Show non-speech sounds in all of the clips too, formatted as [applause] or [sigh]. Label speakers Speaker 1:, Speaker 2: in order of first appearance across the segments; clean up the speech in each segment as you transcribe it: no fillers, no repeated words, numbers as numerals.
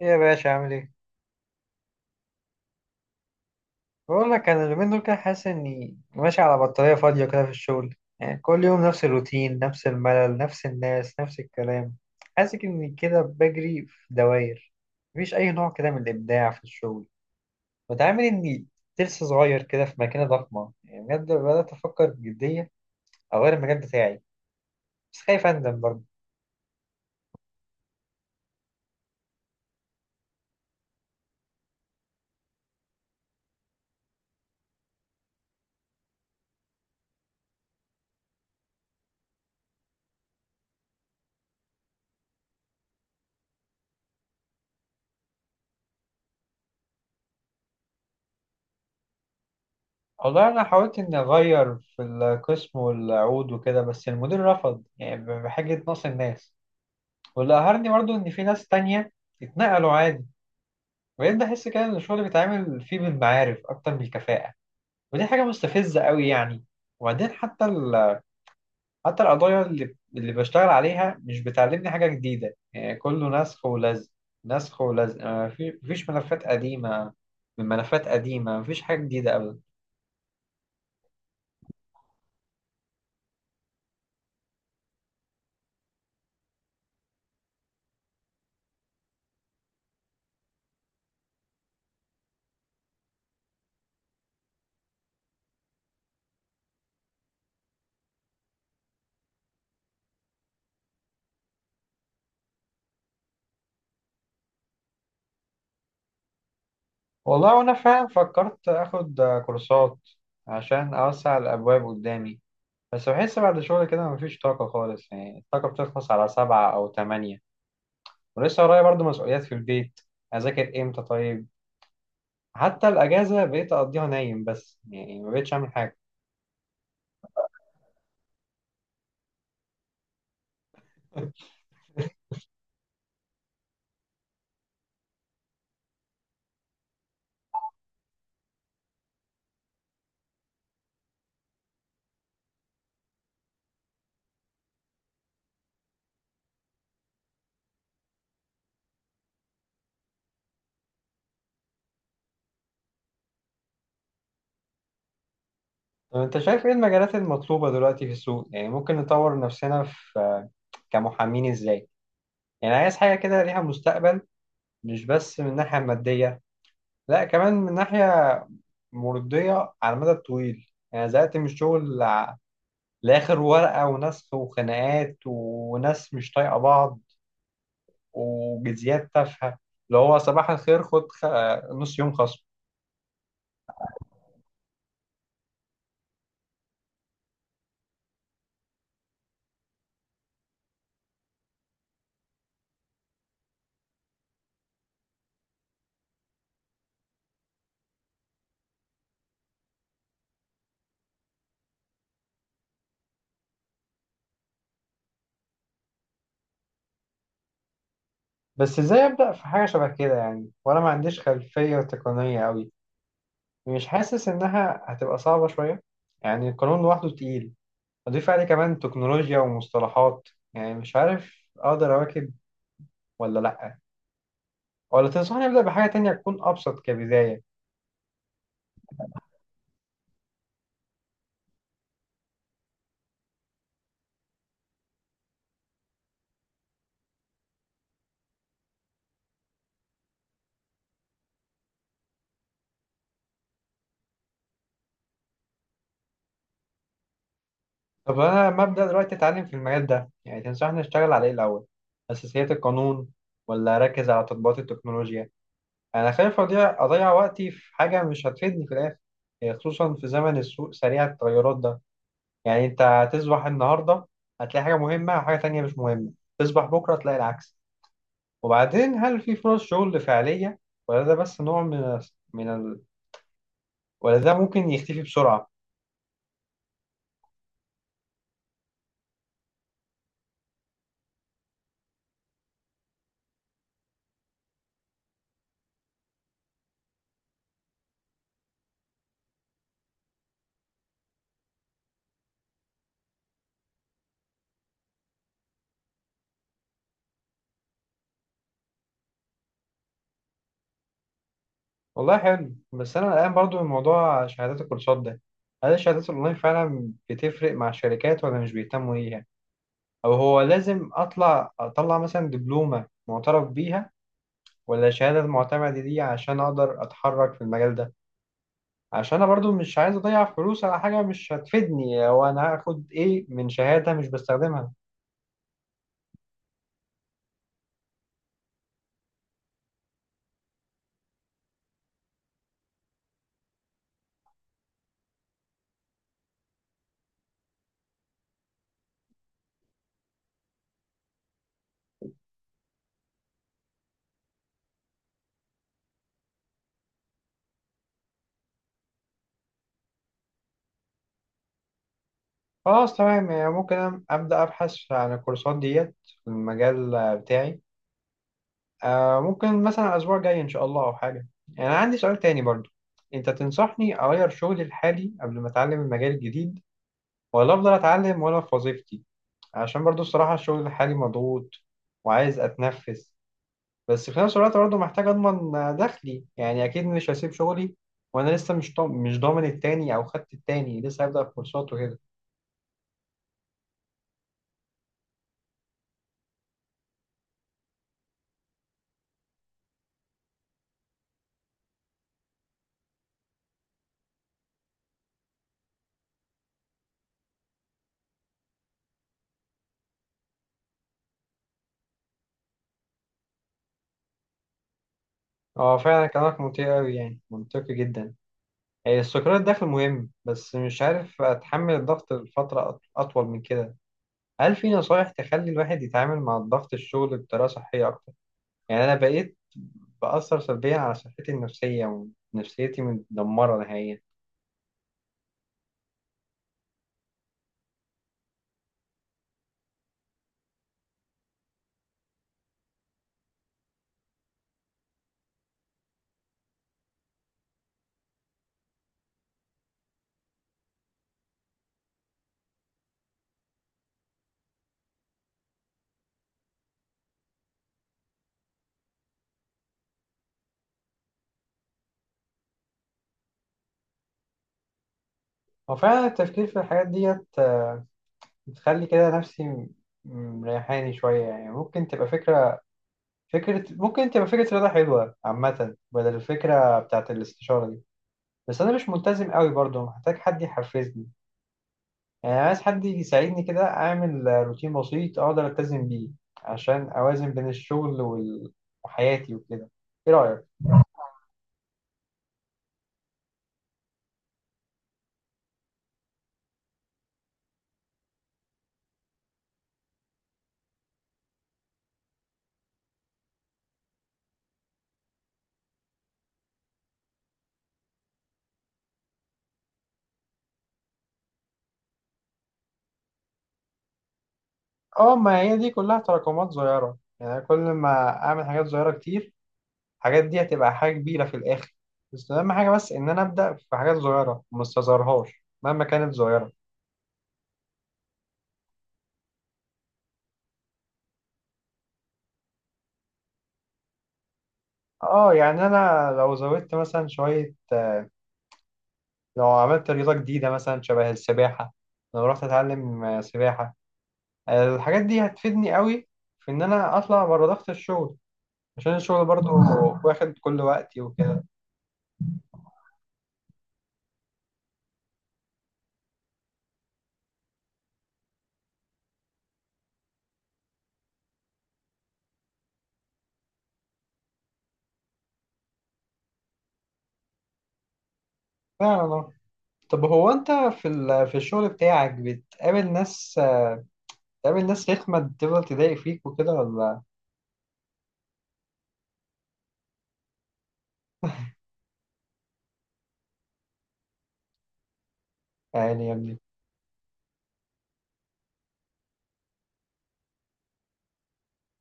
Speaker 1: إيه يا باشا عامل ايه؟ بقول لك انا اليومين دول كده حاسس اني ماشي على بطارية فاضية كده في الشغل، يعني كل يوم نفس الروتين، نفس الملل، نفس الناس، نفس الكلام. حاسس اني كده بجري في دواير. مفيش اي نوع كده من الابداع في الشغل. متعامل اني ترس صغير كده في ماكينة ضخمة، يعني بجد بدأت افكر بجدية اغير المجال بتاعي، بس خايف اندم برضه. والله انا حاولت اني اغير في القسم والعود وكده بس المدير رفض، يعني بحاجة نقص الناس. واللي قهرني برضو إن في ناس تانية اتنقلوا عادي. بقيت بحس كده إن الشغل بيتعامل فيه بالمعارف أكتر من الكفاءة، ودي حاجة مستفزة قوي يعني. وبعدين حتى القضايا اللي بشتغل عليها مش بتعلمني حاجة جديدة، يعني كله نسخ ولزق. نسخ ولزق آه، في- مفيش ملفات قديمة من ملفات قديمة مفيش حاجة جديدة أبدا. والله وأنا فعلا فكرت آخد كورسات عشان أوسع الأبواب قدامي. بس بحس بعد شغل كده مفيش طاقة خالص، يعني الطاقة بتخلص على 7 أو 8، ولسه ورايا برضه مسؤوليات في البيت، أذاكر إمتى طيب؟ حتى الأجازة بقيت أقضيها نايم، بس يعني ما بقتش أعمل حاجة. [laughs] طب أنت شايف إيه المجالات المطلوبة دلوقتي في السوق، يعني ممكن نطور نفسنا في كمحامين إزاي؟ يعني عايز حاجة كده ليها مستقبل، مش بس من الناحية المادية، لا كمان من ناحية مرضية على المدى الطويل. يعني زهقت من الشغل، لآخر ورقة ونسخ وخناقات وناس مش طايقة بعض وجزيات تافهة، اللي هو صباح الخير نص يوم خصم. بس ازاي أبدأ في حاجة شبه كده، يعني وأنا ما عنديش خلفية تقنية أوي، مش حاسس إنها هتبقى صعبة شوية؟ يعني القانون لوحده تقيل، أضيف عليه كمان تكنولوجيا ومصطلحات، يعني مش عارف أقدر أواكب ولا لأ، ولا تنصحني أبدأ بحاجة تانية تكون أبسط كبداية؟ طب انا مبدأ دلوقتي اتعلم في المجال ده، يعني تنصحني اشتغل على ايه الاول؟ اساسيات القانون ولا اركز على تطبيقات التكنولوجيا؟ انا خايف اضيع وقتي في حاجة مش هتفيدني في الاخر، يعني خصوصا في زمن السوق سريع التغيرات ده. يعني انت هتصبح النهاردة هتلاقي حاجة مهمة وحاجة تانية مش مهمة، تصبح بكرة تلاقي العكس. وبعدين هل في فرص شغل فعلية، ولا ده بس نوع من ال... ولا ده ممكن يختفي بسرعة؟ والله حلو، بس انا قلقان برضو من موضوع شهادات الكورسات ده. هل الشهادات الاونلاين فعلا بتفرق مع الشركات ولا مش بيهتموا ليها؟ او هو لازم اطلع مثلا دبلومة معترف بيها ولا شهادة معتمدة دي عشان اقدر اتحرك في المجال ده؟ عشان انا برضو مش عايز اضيع فلوس على حاجة مش هتفيدني، او انا هاخد ايه من شهادة مش بستخدمها. خلاص تمام، يعني ممكن أنا ابدا ابحث عن الكورسات ديت في المجال بتاعي. ممكن مثلا الأسبوع الجاي إن شاء الله أو حاجة. يعني أنا عندي سؤال تاني برضو، أنت تنصحني أغير شغلي الحالي قبل ما أتعلم المجال الجديد، ولا أفضل أتعلم وأنا في وظيفتي؟ عشان برضو الصراحة الشغل الحالي مضغوط وعايز أتنفس، بس في نفس الوقت برضو محتاج أضمن دخلي، يعني أكيد مش هسيب شغلي وأنا لسه مش ضامن التاني أو خدت التاني لسه هبدأ في كورسات وكده. أه، فعلا كلامك منطقي أوي، يعني منطقي جدا. استقرار الدخل مهم، بس مش عارف أتحمل الضغط لفترة أطول من كده. هل في نصايح تخلي الواحد يتعامل مع الضغط الشغل بطريقة صحية أكتر؟ يعني أنا بقيت بأثر سلبيا على صحتي النفسية، ونفسيتي متدمرة نهائيا. هو فعلا التفكير في الحاجات ديت بتخلي كده نفسي مريحاني شوية. يعني ممكن تبقى فكرة رياضة حلوة عامة، بدل الفكرة بتاعت الاستشارة دي. بس أنا مش ملتزم قوي برضه، محتاج حد يحفزني، يعني عايز حد يساعدني كده أعمل روتين بسيط أقدر ألتزم بيه، عشان أوازن بين الشغل وحياتي وكده. إيه رأيك؟ اه، ما هي دي كلها تراكمات صغيرة، يعني كل ما أعمل حاجات صغيرة كتير الحاجات دي هتبقى حاجة كبيرة في الآخر. بس أهم حاجة بس إن أنا أبدأ في حاجات صغيرة وما استظهرهاش مهما كانت صغيرة. اه، يعني أنا لو زودت مثلا شوية، لو عملت رياضة جديدة مثلا شبه السباحة، لو رحت أتعلم سباحة، الحاجات دي هتفيدني قوي في ان انا اطلع بره ضغط الشغل، عشان الشغل برضو واخد كل وقتي وكده. فعلا، آه. طب هو انت في الشغل بتاعك بتقابل ناس رخمة بتفضل تضايق فيك وكده ولا؟ يعني يا ابني.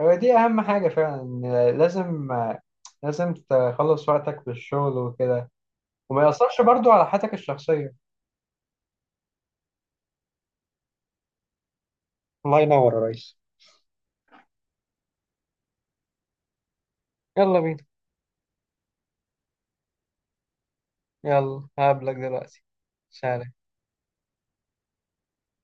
Speaker 1: هو دي اهم حاجة فعلا، إن لازم لازم تخلص وقتك في الشغل وكده، وما يأثرش برضو على حياتك الشخصية. الله ينور يا ريس. يلا بينا. يلا هقابلك دلوقتي. سلام.